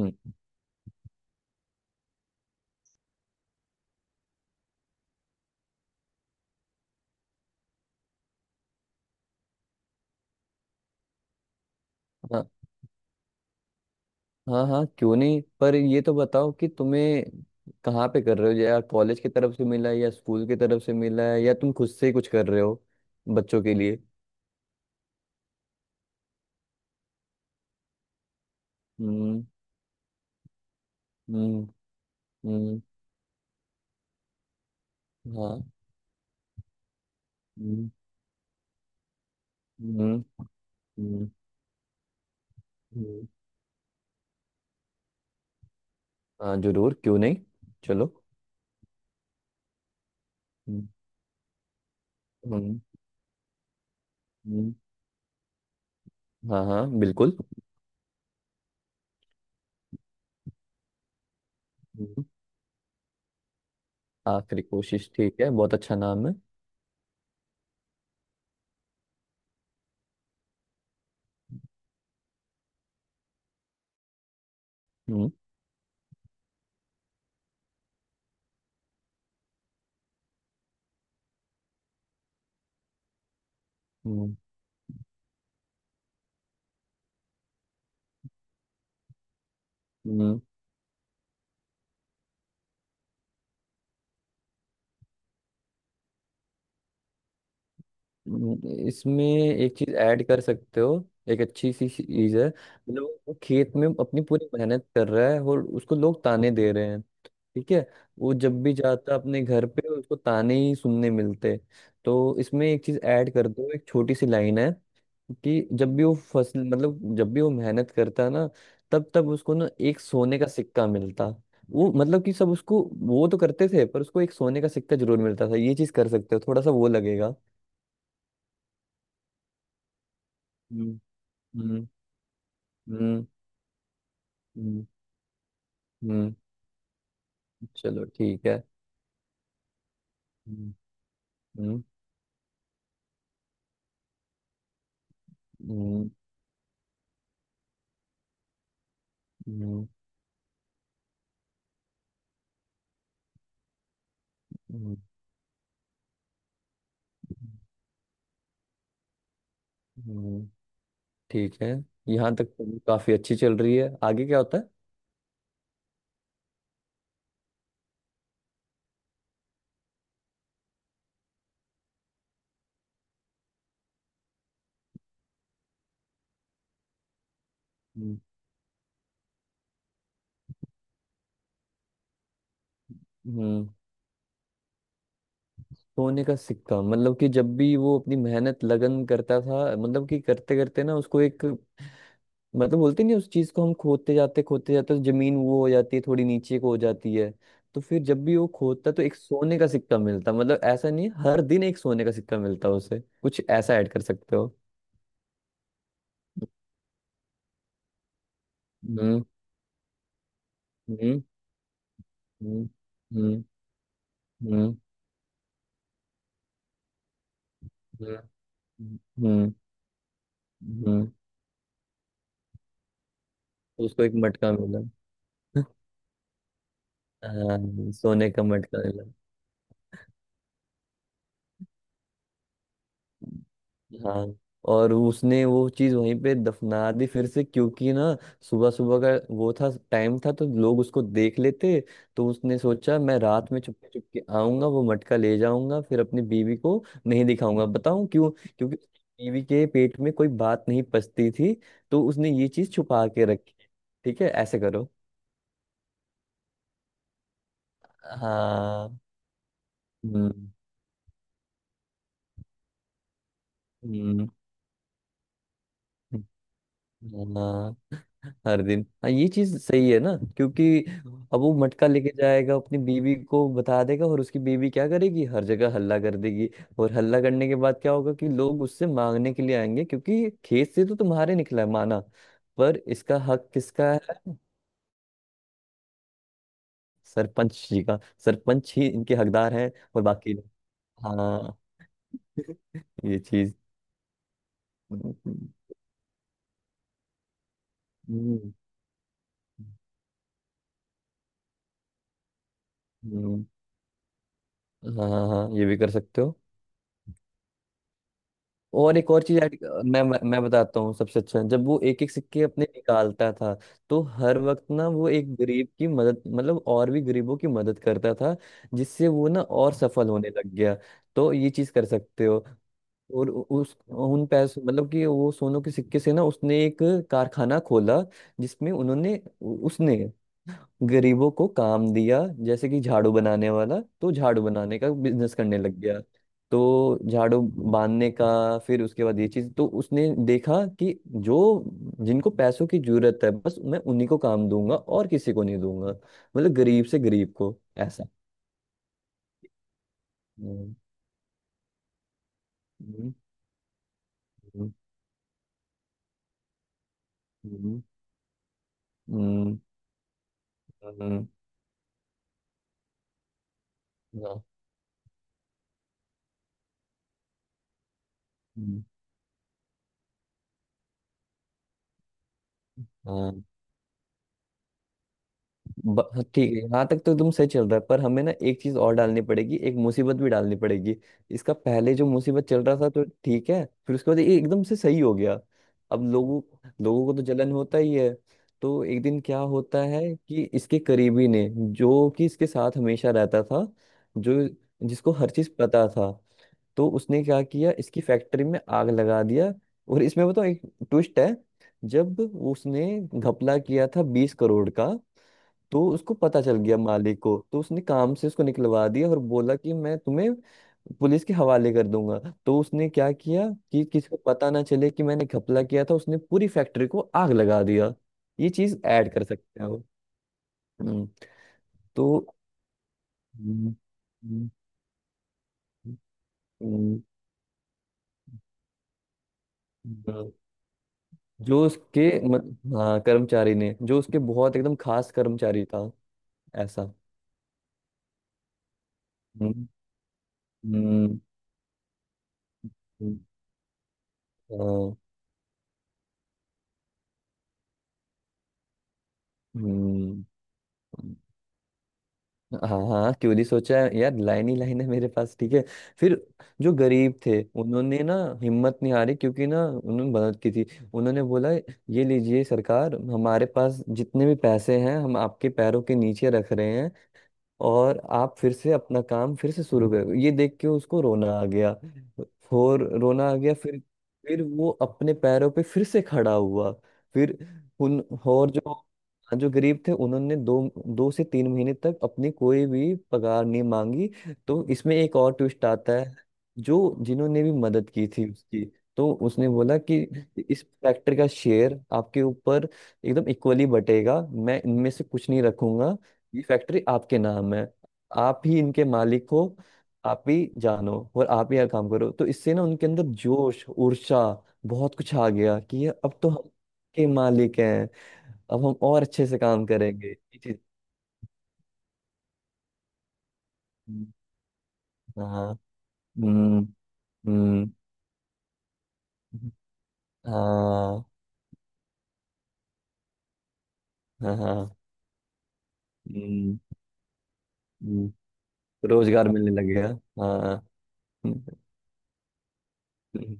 हम्म। हाँ, हाँ, हाँ, क्यों नहीं। पर ये तो बताओ कि तुम्हें कहाँ पे कर रहे हो, या कॉलेज की तरफ से मिला है या स्कूल की तरफ से मिला है या तुम खुद से ही कुछ कर रहे हो बच्चों के लिए। हम्म। हम्म। हम्म। हाँ। हम्म। हम्म। हम्म। हम्म। हाँ, जरूर, क्यों नहीं। चलो। हम्म। हम्म। हम्म। हाँ, हाँ, बिल्कुल। हम्म। आखिरी कोशिश, ठीक है, बहुत अच्छा नाम है। हम्म। हम्म। हम्म। हम्म। इसमें एक चीज ऐड कर सकते हो। एक अच्छी सी चीज है, मतलब वो खेत में अपनी पूरी मेहनत कर रहा है और उसको लोग ताने दे रहे हैं। ठीक है। वो जब भी जाता अपने घर पे उसको ताने ही सुनने मिलते, तो इसमें एक चीज ऐड कर दो, एक छोटी सी लाइन है कि जब भी वो फसल मतलब जब भी वो मेहनत करता ना, तब तब उसको ना एक सोने का सिक्का मिलता। वो मतलब कि सब उसको वो तो करते थे पर उसको एक सोने का सिक्का जरूर मिलता था। ये चीज कर सकते हो, थोड़ा सा वो लगेगा। हम्म। हम्म। हम्म। हम्म। चलो, ठीक है। हम्म। हम्म। हम्म। हम्म। हम्म। हम्म। ठीक है। यहाँ तक तो काफी अच्छी चल रही है, आगे क्या होता है? हम्म। हम्म। सोने का सिक्का, मतलब कि जब भी वो अपनी मेहनत लगन करता था, मतलब कि करते करते ना उसको एक मतलब, बोलते नहीं उस चीज को, हम खोदते जाते तो जमीन वो हो जाती है थोड़ी नीचे को हो जाती है, तो फिर जब भी वो खोदता तो एक सोने का सिक्का मिलता। मतलब ऐसा नहीं है, हर दिन एक सोने का सिक्का मिलता उसे, कुछ ऐसा ऐड कर सकते हो। हम्म। हम्म। हम्म। हम्म। हम्म। हम्म। हम्म। हम्म। हम्म। तो उसको एक मटका मिला। हाँ, सोने का मटका मिला। हाँ। और उसने वो चीज वहीं पे दफना दी फिर से, क्योंकि ना सुबह सुबह का वो था, टाइम था, तो लोग उसको देख लेते। तो उसने सोचा, मैं रात में चुपके चुपके आऊंगा, वो मटका ले जाऊंगा, फिर अपनी बीवी को नहीं दिखाऊंगा, बताऊं क्यों? क्योंकि उसकी बीवी के पेट में कोई बात नहीं पचती थी। तो उसने ये चीज छुपा के रखी। ठीक है, ऐसे करो। हाँ। हम्म। हम्म। हाँ, हर दिन, हाँ, ये चीज सही है ना? क्योंकि अब वो मटका लेके जाएगा, अपनी बीवी को बता देगा, और उसकी बीवी क्या करेगी? हर जगह हल्ला कर देगी। और हल्ला करने के बाद क्या होगा कि लोग उससे मांगने के लिए आएंगे, क्योंकि खेत से तो तुम्हारे निकला है माना, पर इसका हक किसका है? सरपंच जी का। सरपंच ही इनके हकदार हैं और बाकी लोग। हाँ। ये चीज। हम्म हम्म। हम्म। हाँ, हाँ, हाँ, ये भी कर सकते हो। और एक और चीज ऐड। मैं मैं बताता हूँ सबसे अच्छा, जब वो एक एक सिक्के अपने निकालता था, तो हर वक्त ना वो एक गरीब की मदद मतलब और भी गरीबों की मदद करता था, जिससे वो ना और सफल होने लग गया। तो ये चीज कर सकते हो। और उस उन पैसे मतलब कि वो सोनों के सिक्के से ना उसने एक कारखाना खोला, जिसमें उन्होंने उसने गरीबों को काम दिया। जैसे कि झाड़ू बनाने वाला, तो झाड़ू बनाने का बिजनेस करने लग गया, तो झाड़ू बांधने का। फिर उसके बाद ये चीज तो उसने देखा कि जो जिनको पैसों की जरूरत है बस मैं उन्हीं को काम दूंगा और किसी को नहीं दूंगा, मतलब गरीब से गरीब को ऐसा। हम्म। हम्म। हम्म। हम्म। हम्म। हम्म। हाँ। हम्म। हाँ। हाँ, ठीक है, यहाँ तक तो तुम सही चल रहा है, पर हमें ना एक चीज और डालनी पड़ेगी, एक मुसीबत भी डालनी पड़ेगी। इसका पहले जो मुसीबत चल रहा था तो ठीक है, फिर उसके बाद ये एकदम से सही हो गया। अब लोगों लोगों को तो जलन होता ही है। तो एक दिन क्या होता है कि इसके करीबी ने, जो कि इसके साथ हमेशा रहता था, जो जिसको हर चीज पता था, तो उसने क्या किया, इसकी फैक्ट्री में आग लगा दिया। और इसमें बताओ, एक ट्विस्ट है। जब उसने घपला किया था 20 करोड़ का, तो उसको पता चल गया मालिक को, तो उसने काम से उसको निकलवा दिया और बोला कि मैं तुम्हें पुलिस के हवाले कर दूंगा। तो उसने क्या किया कि किसी को पता ना चले कि मैंने घपला किया था, उसने पूरी फैक्ट्री को आग लगा दिया। ये चीज ऐड कर सकते हो। हम्म। तो हम्म। हम्म। हम्म। हम्म। जो उसके हाँ, कर्मचारी ने, जो उसके बहुत एकदम खास कर्मचारी था। ऐसा। हम्म। हम्म। हम्म। हाँ। हम्म। हाँ, हाँ क्यों नहीं सोचा है? यार, लाइन ही लाइन है मेरे पास। ठीक है। फिर जो गरीब थे उन्होंने ना हिम्मत नहीं हारी, क्योंकि ना उन्होंने मदद की थी। उन्होंने बोला, ये लीजिए सरकार, हमारे पास जितने भी पैसे हैं हम आपके पैरों के नीचे रख रहे हैं। और आप फिर से अपना काम फिर से शुरू करो, ये देख के उसको रोना आ गया। और रोना आ गया, फिर वो अपने पैरों पे फिर से खड़ा हुआ। फिर उन और जो, हाँ, जो गरीब थे उन्होंने दो दो से तीन महीने तक अपनी कोई भी पगार नहीं मांगी। तो इसमें एक और ट्विस्ट आता है। जो जिन्होंने भी मदद की थी उसकी, तो उसने बोला कि इस फैक्ट्री का शेयर आपके ऊपर एकदम इक्वली बटेगा, मैं इनमें से कुछ नहीं रखूंगा। ये फैक्ट्री आपके नाम है, आप ही इनके मालिक हो, आप ही जानो और आप ही यहाँ काम करो। तो इससे ना उनके अंदर जोश, ऊर्जा, बहुत कुछ आ गया कि ये अब तो हम के मालिक हैं, अब हम और अच्छे से काम करेंगे। ये चीज़- हम्म। हाँ। हम्म। हम्म। हाँ, हाँ, हाँ। हम्म। हम्म। रोजगार मिलने लग गया। हाँ। हम्म। हम्म।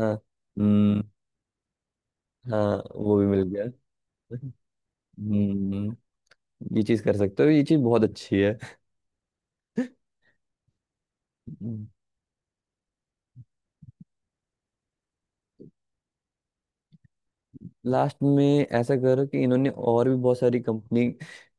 हाँ। हम्म। हाँ, वो भी मिल गया। हम्म। ये चीज कर सकते हो, ये चीज बहुत अच्छी है। लास्ट में ऐसा करो कि इन्होंने और भी बहुत सारी कंपनी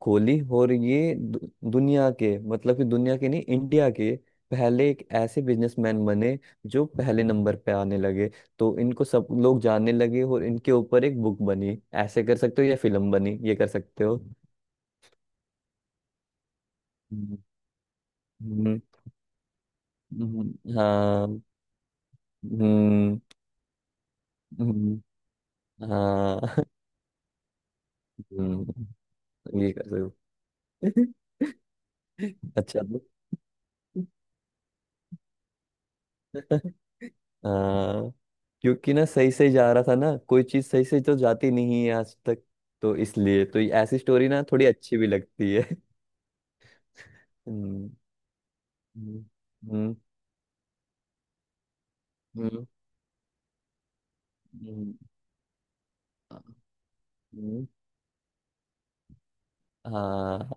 खोली, और ये दुनिया के, मतलब कि दुनिया के नहीं, इंडिया के पहले एक ऐसे बिजनेसमैन बने जो पहले नंबर पे आने लगे। तो इनको सब लोग जानने लगे और इनके ऊपर एक बुक बनी, ऐसे कर सकते हो, या फिल्म बनी, ये कर सकते हो। हम्म। हम्म। हम्म। हाँ। हम्म। हम्म। हाँ। हम्म। ये कर सकते हो। अच्छा, तो हाँ। क्योंकि ना सही सही जा रहा था ना, कोई चीज सही से तो जाती नहीं है आज तक। तो इसलिए तो ये ऐसी स्टोरी ना थोड़ी अच्छी भी लगती है। हम्म। हम्म। हम्म। हम्म। हम्म। हाँ। हम्म। हाँ,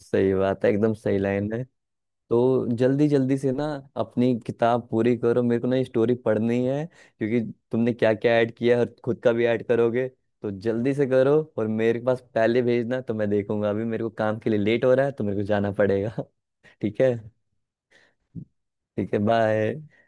सही बात है, एकदम सही लाइन। तो जल्दी जल्दी से ना अपनी किताब पूरी करो, मेरे को ना ये स्टोरी पढ़नी है, क्योंकि तुमने क्या क्या ऐड किया है और खुद का भी ऐड करोगे। तो जल्दी से करो और मेरे पास पहले भेजना, तो मैं देखूंगा। अभी मेरे को काम के लिए लेट हो रहा है तो मेरे को जाना पड़ेगा। ठीक है। ठीक है, बाय।